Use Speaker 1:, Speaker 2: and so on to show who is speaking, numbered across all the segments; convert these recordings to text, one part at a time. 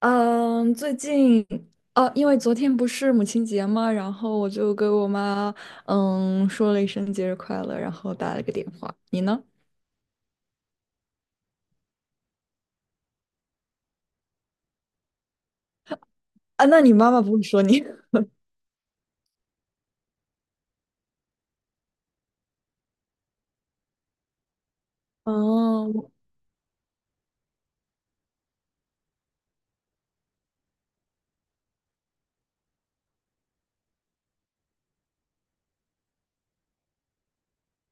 Speaker 1: 嗯，最近哦，因为昨天不是母亲节嘛，然后我就给我妈说了一声节日快乐，然后打了个电话。你呢？啊，那你妈妈不会说你？哦，我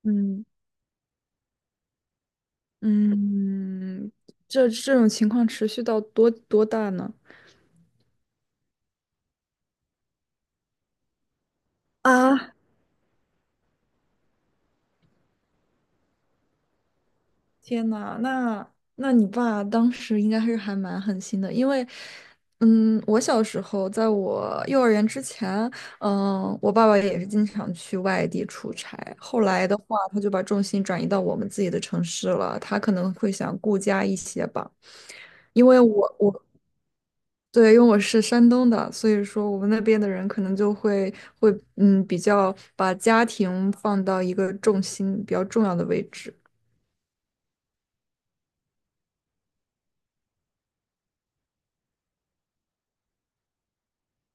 Speaker 1: 嗯嗯，这种情况持续到多大呢？啊，天呐，那你爸当时应该是还蛮狠心的，因为，嗯，我小时候在我幼儿园之前，嗯，我爸爸也是经常去外地出差。后来的话，他就把重心转移到我们自己的城市了。他可能会想顾家一些吧，因为我我对，因为我是山东的，所以说我们那边的人可能就会比较把家庭放到一个重心比较重要的位置。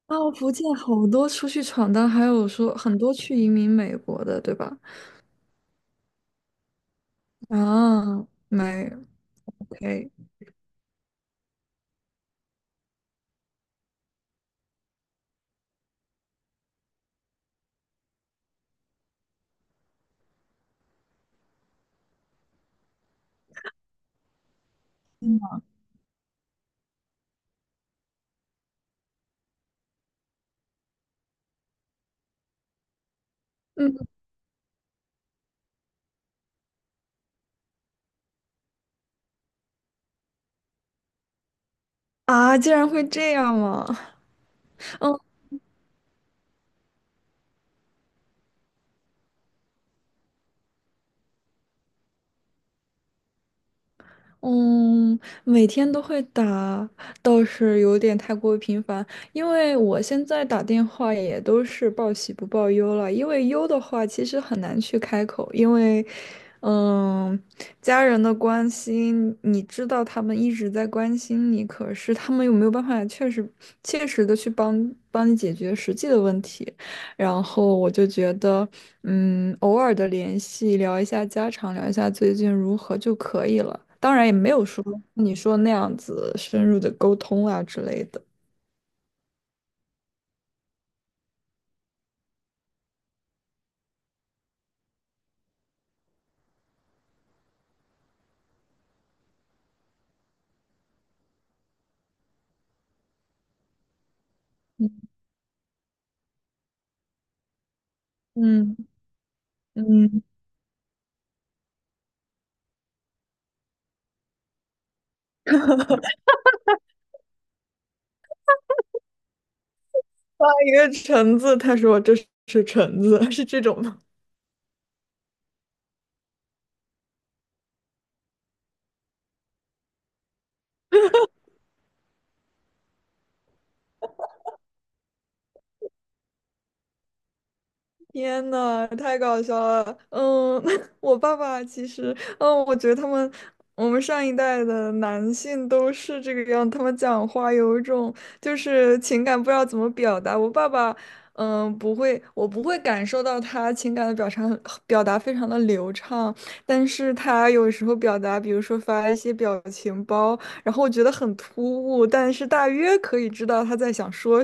Speaker 1: 哦，福建好多出去闯荡，还有说很多去移民美国的，对吧？啊，没，OK，嗯啊，竟然会这样吗？嗯嗯，每天都会打，倒是有点太过于频繁。因为我现在打电话也都是报喜不报忧了，因为忧的话其实很难去开口，因为，嗯，家人的关心，你知道他们一直在关心你，可是他们又没有办法确实切实的去帮你解决实际的问题？然后我就觉得，嗯，偶尔的联系，聊一下家常，聊一下最近如何就可以了。当然也没有说你说那样子深入的沟通啊之类的。嗯嗯，发一个橙子，他说这是橙子，是这种吗？天呐，太搞笑了！嗯，我爸爸其实，嗯，我觉得他们，我们上一代的男性都是这个样，他们讲话有一种就是情感不知道怎么表达。我爸爸，嗯，不会，我不会感受到他情感的表达非常的流畅，但是他有时候表达，比如说发一些表情包，然后我觉得很突兀，但是大约可以知道他在想说。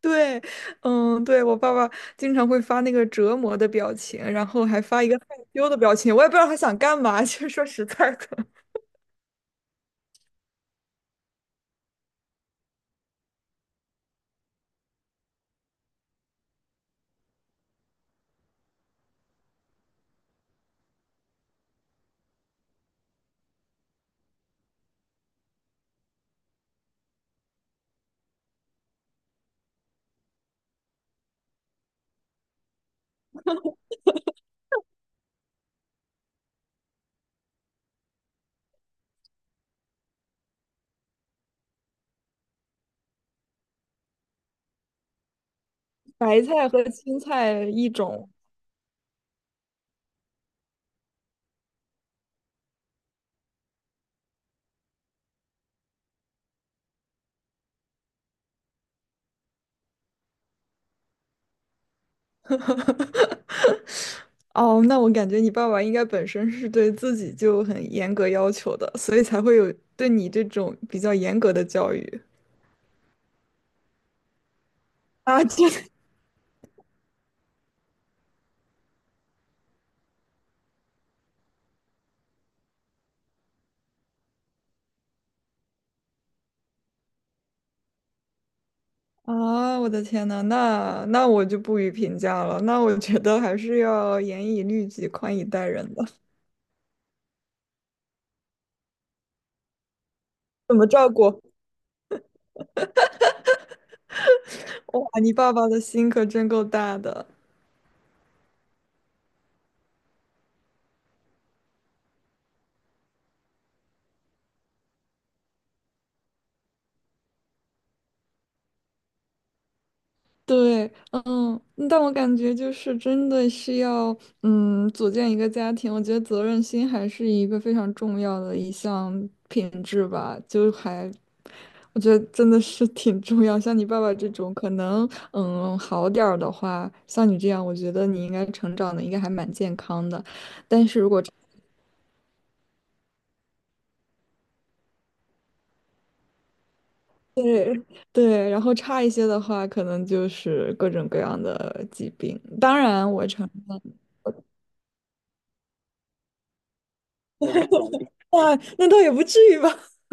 Speaker 1: 对，嗯，对，我爸爸经常会发那个折磨的表情，然后还发一个害羞的表情，我也不知道他想干嘛。其实说实在的，白菜和青菜一种。哦，那我感觉你爸爸应该本身是对自己就很严格要求的，所以才会有对你这种比较严格的教育啊！这 啊，我的天呐，那我就不予评价了。那我觉得还是要严以律己，宽以待人的，怎么照顾？哇，你爸爸的心可真够大的。对，嗯，但我感觉就是真的是要，嗯，组建一个家庭，我觉得责任心还是一个非常重要的一项品质吧，就还，我觉得真的是挺重要。像你爸爸这种，可能，嗯，好点儿的话，像你这样，我觉得你应该成长的应该还蛮健康的。对，然后差一些的话，可能就是各种各样的疾病。当然，我承认。哇，那倒也不至于吧？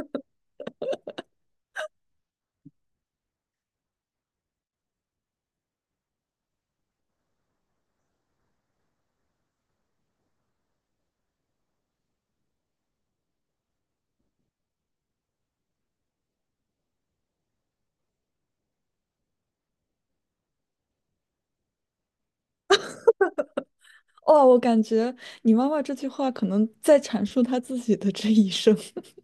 Speaker 1: 哦，我感觉你妈妈这句话可能在阐述她自己的这一生。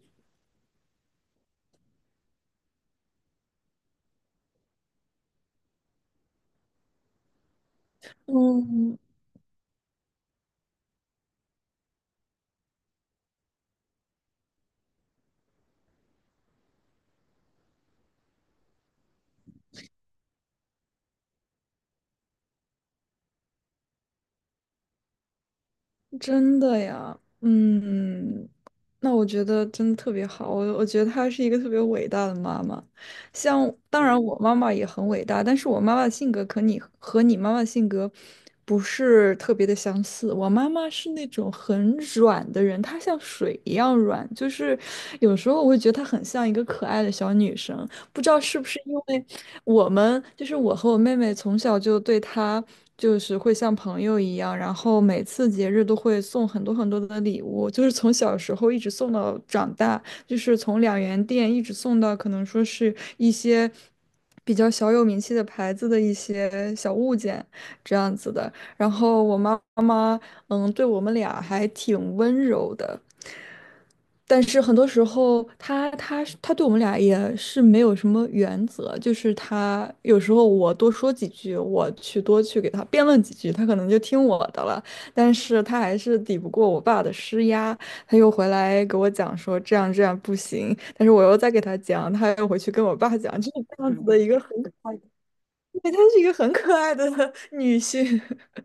Speaker 1: 嗯，真的呀，嗯，那我觉得真的特别好，我觉得她是一个特别伟大的妈妈。像当然我妈妈也很伟大，但是我妈妈的性格可你和你妈妈的性格不是特别的相似。我妈妈是那种很软的人，她像水一样软，就是有时候我会觉得她很像一个可爱的小女生。不知道是不是因为我们，就是我和我妹妹从小就对她就是会像朋友一样，然后每次节日都会送很多很多的礼物，就是从小时候一直送到长大，就是从两元店一直送到可能说是一些比较小有名气的牌子的一些小物件这样子的。然后我妈妈，嗯，对我们俩还挺温柔的。但是很多时候他，他对我们俩也是没有什么原则，就是他有时候我多说几句，我去给他辩论几句，他可能就听我的了。但是他还是抵不过我爸的施压，他又回来给我讲说这样这样不行，但是我又再给他讲，他又回去跟我爸讲，就是这样子的一个因为他是一个很可爱的女性。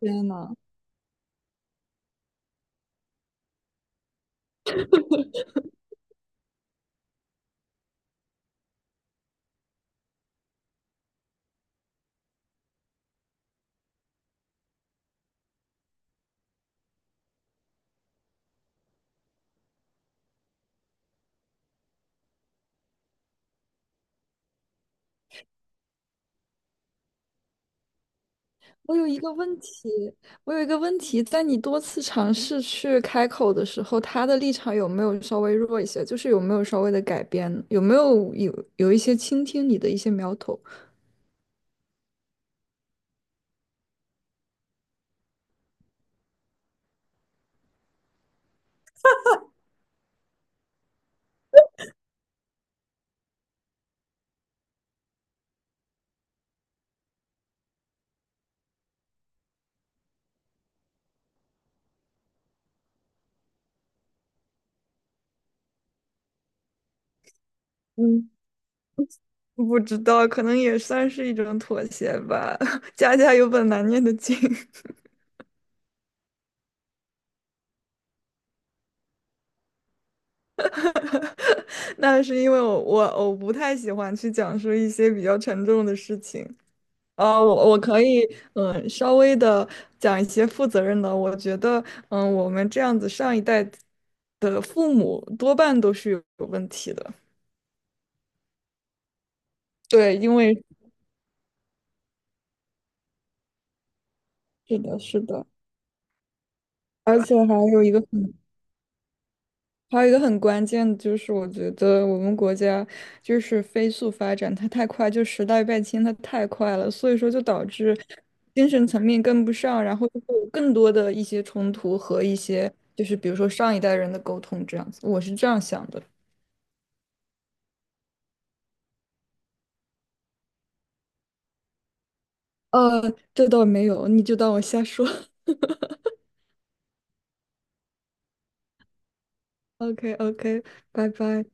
Speaker 1: 天呐！我有一个问题，我有一个问题，在你多次尝试去开口的时候，他的立场有没有稍微弱一些？就是有没有稍微的改变？有没有一些倾听你的一些苗头？嗯，不知道，可能也算是一种妥协吧。家家有本难念的经，那是因为我不太喜欢去讲述一些比较沉重的事情，我可以，嗯，稍微的讲一些负责任的。我觉得，嗯，我们这样子上一代的父母多半都是有问题的。对，因为是的，是的，而且还有一个很，还有一个很关键的就是，我觉得我们国家就是飞速发展，它太快，就时代变迁它太快了，所以说就导致精神层面跟不上，然后就会有更多的一些冲突和一些就是比如说上一代人的沟通这样子，我是这样想的。呃，这倒没有，你就当我瞎说。OK OK，拜拜。